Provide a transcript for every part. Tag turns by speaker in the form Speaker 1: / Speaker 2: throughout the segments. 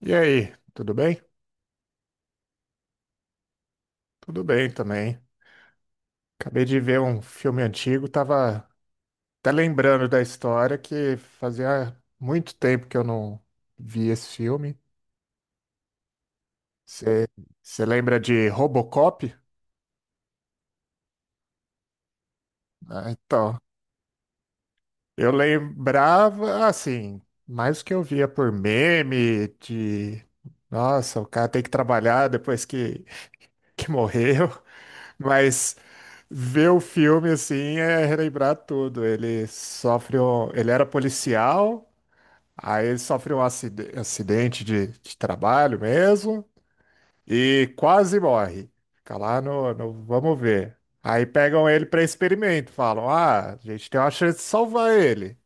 Speaker 1: E aí, tudo bem? Tudo bem também. Acabei de ver um filme antigo, tava até lembrando da história que fazia muito tempo que eu não vi esse filme. Você lembra de Robocop? Ah, então, eu lembrava assim, mais o que eu via por meme, de nossa, o cara tem que trabalhar que morreu. Mas ver o filme assim é relembrar tudo. Ele sofre um... Ele era policial, aí ele sofre um acidente de trabalho mesmo e quase morre. Fica lá no... Vamos ver. Aí pegam ele para experimento, falam: Ah, a gente tem uma chance de salvar ele,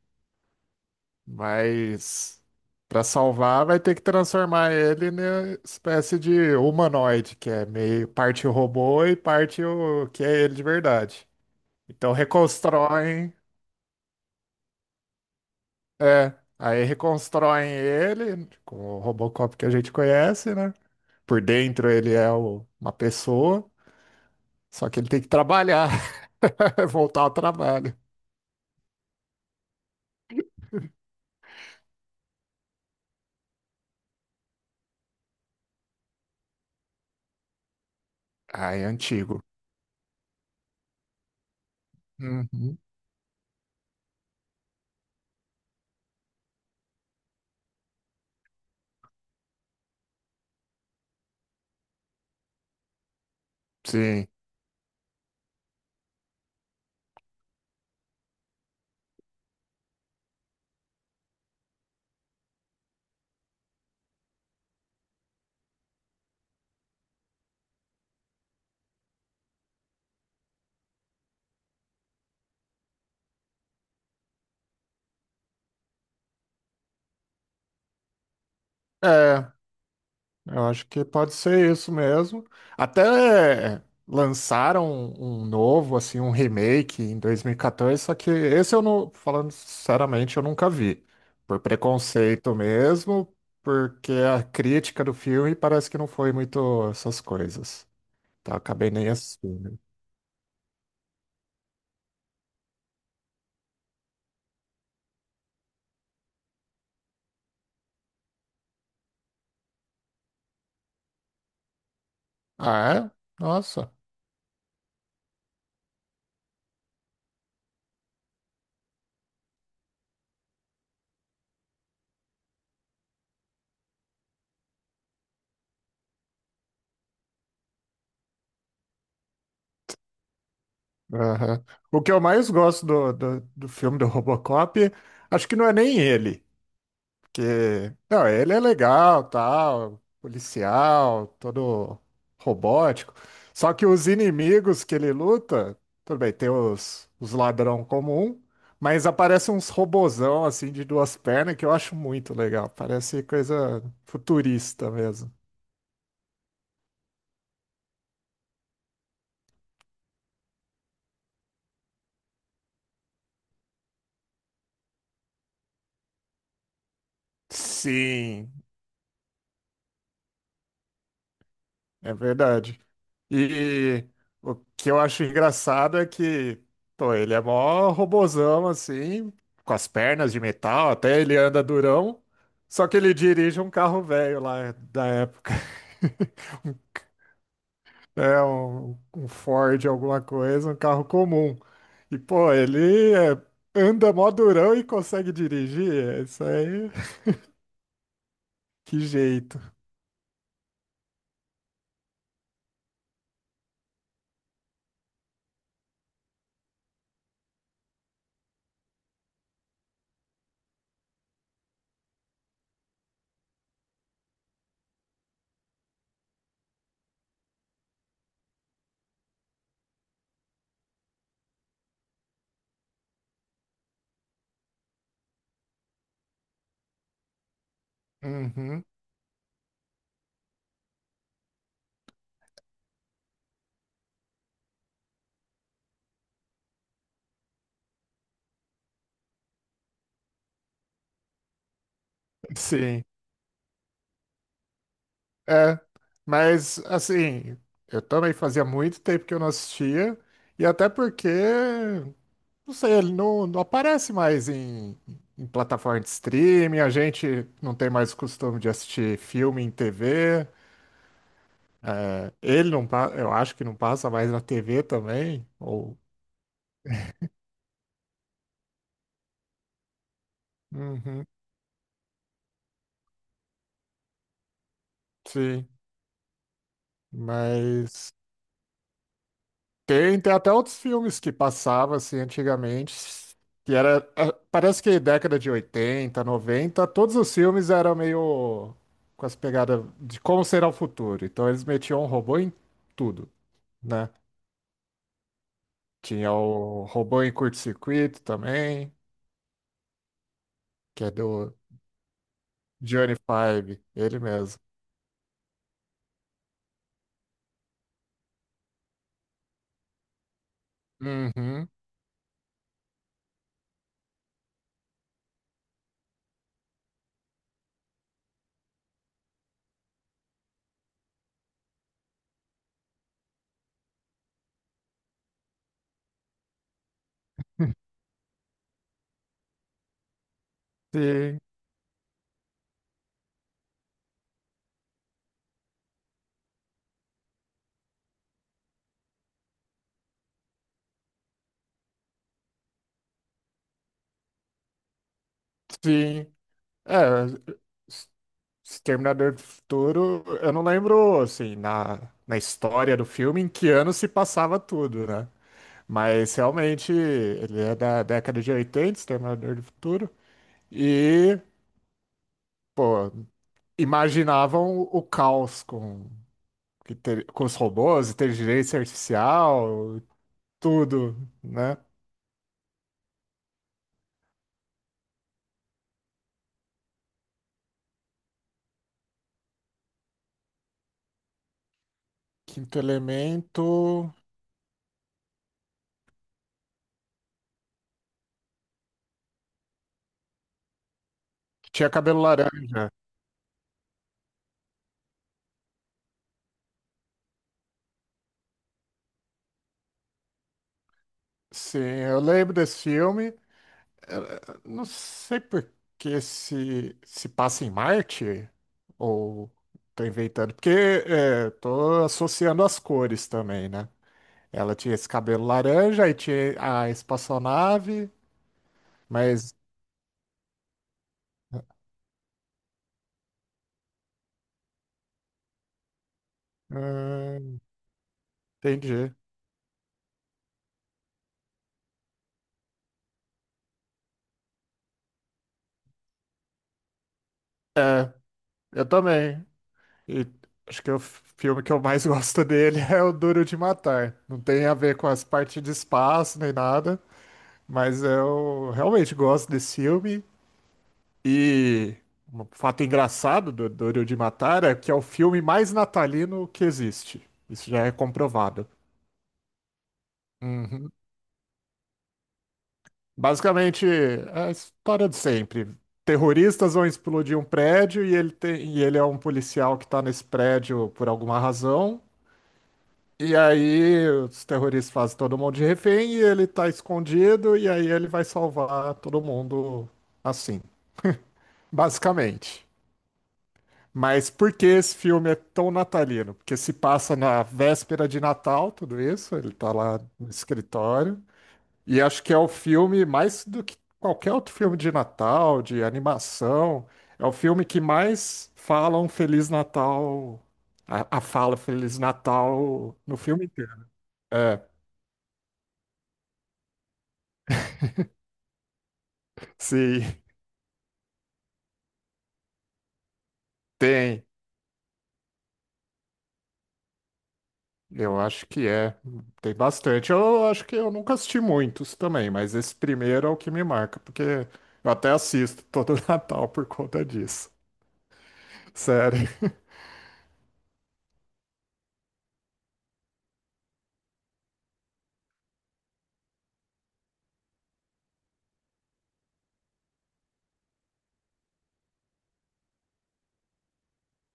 Speaker 1: mas para salvar vai ter que transformar ele numa espécie de humanoide, que é meio parte robô e parte o que é ele de verdade. Então reconstroem, é, aí reconstroem ele com o Robocop que a gente conhece, né? Por dentro ele é uma pessoa, só que ele tem que trabalhar, voltar ao trabalho. Ah, é antigo. Uhum. Sim. É, eu acho que pode ser isso mesmo. Até lançaram um novo, assim, um remake em 2014, só que esse eu não, falando sinceramente, eu nunca vi. Por preconceito mesmo, porque a crítica do filme parece que não foi muito essas coisas. Tá, acabei nem assistindo. Ah, é? Nossa. Aham. O que eu mais gosto do filme do Robocop, acho que não é nem ele. Que, não, ele é legal, tal, policial, todo robótico. Só que os inimigos que ele luta, tudo bem, tem os ladrão comum, mas aparecem uns robozão assim de duas pernas que eu acho muito legal. Parece coisa futurista mesmo. Sim, é verdade. E o que eu acho engraçado é que, pô, ele é mó robozão, assim, com as pernas de metal, até ele anda durão, só que ele dirige um carro velho lá da época. É um, um Ford, alguma coisa, um carro comum. E, pô, ele é, anda mó durão e consegue dirigir. É isso aí. Que jeito. Uhum. Sim. É, mas assim, eu também fazia muito tempo que eu não assistia, e até porque, não sei, ele não, não aparece mais em, em plataforma de streaming, a gente não tem mais o costume de assistir filme em TV, ele não, pa- eu acho que não passa mais na TV também, ou... Uhum, sim, mas tem, tem até outros filmes que passavam assim antigamente, que era, ah, parece que década de 80, 90, todos os filmes eram meio com as pegadas de como será o futuro. Então eles metiam um robô em tudo, né? Tinha o robô em curto-circuito também, que é do Johnny Five, ele mesmo. Uhum. Sim, sim. É, S- Exterminador do Futuro, eu não lembro, assim, na história do filme em que ano se passava tudo, né? Mas realmente ele é da década de 80, Exterminador do Futuro, e, pô, imaginavam o caos que com os robôs, inteligência artificial, tudo, né? Quinto Elemento, que tinha cabelo laranja. Sim, eu lembro desse filme. Não sei por que se passa em Marte, ou tô inventando, porque tô associando as cores também, né? Ela tinha esse cabelo laranja, e tinha a espaçonave, mas hum, entendi. Eu também. E acho que o filme que eu mais gosto dele é o Duro de Matar. Não tem a ver com as partes de espaço nem nada, mas eu realmente gosto desse filme. E um fato engraçado do Doro de Matar é que é o filme mais natalino que existe. Isso já é comprovado. Uhum. Basicamente, é a história de sempre. Terroristas vão explodir um prédio e ele é um policial que está nesse prédio por alguma razão. E aí os terroristas fazem todo mundo de refém e ele está escondido e aí ele vai salvar todo mundo assim, basicamente. Mas por que esse filme é tão natalino? Porque se passa na véspera de Natal, tudo isso, ele tá lá no escritório. E acho que é o filme, mais do que qualquer outro filme de Natal, de animação, é o filme que mais fala um Feliz Natal, a fala Feliz Natal no filme inteiro. É, sim, tem. Eu acho que é. Tem bastante. Eu acho que eu nunca assisti muitos também, mas esse primeiro é o que me marca, porque eu até assisto todo Natal por conta disso. Sério.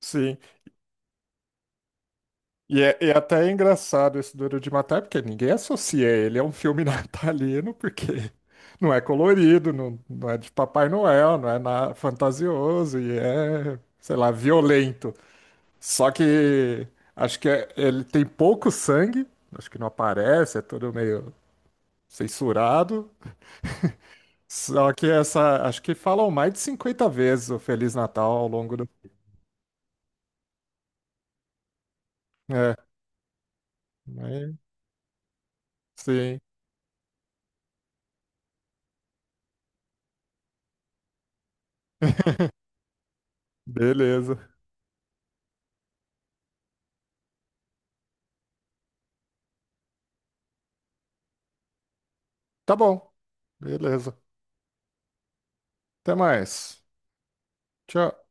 Speaker 1: Sim. E é, e até é engraçado esse Duro de Matar, porque ninguém associa ele a um filme natalino, porque não é colorido, não, não é de Papai Noel, não é na, fantasioso e é, sei lá, violento. Só que acho que ele tem pouco sangue, acho que não aparece, é tudo meio censurado. Só que essa, acho que falam mais de 50 vezes o Feliz Natal ao longo do. É, mas- sim. Beleza. Tá bom. Beleza. Até mais. Tchau.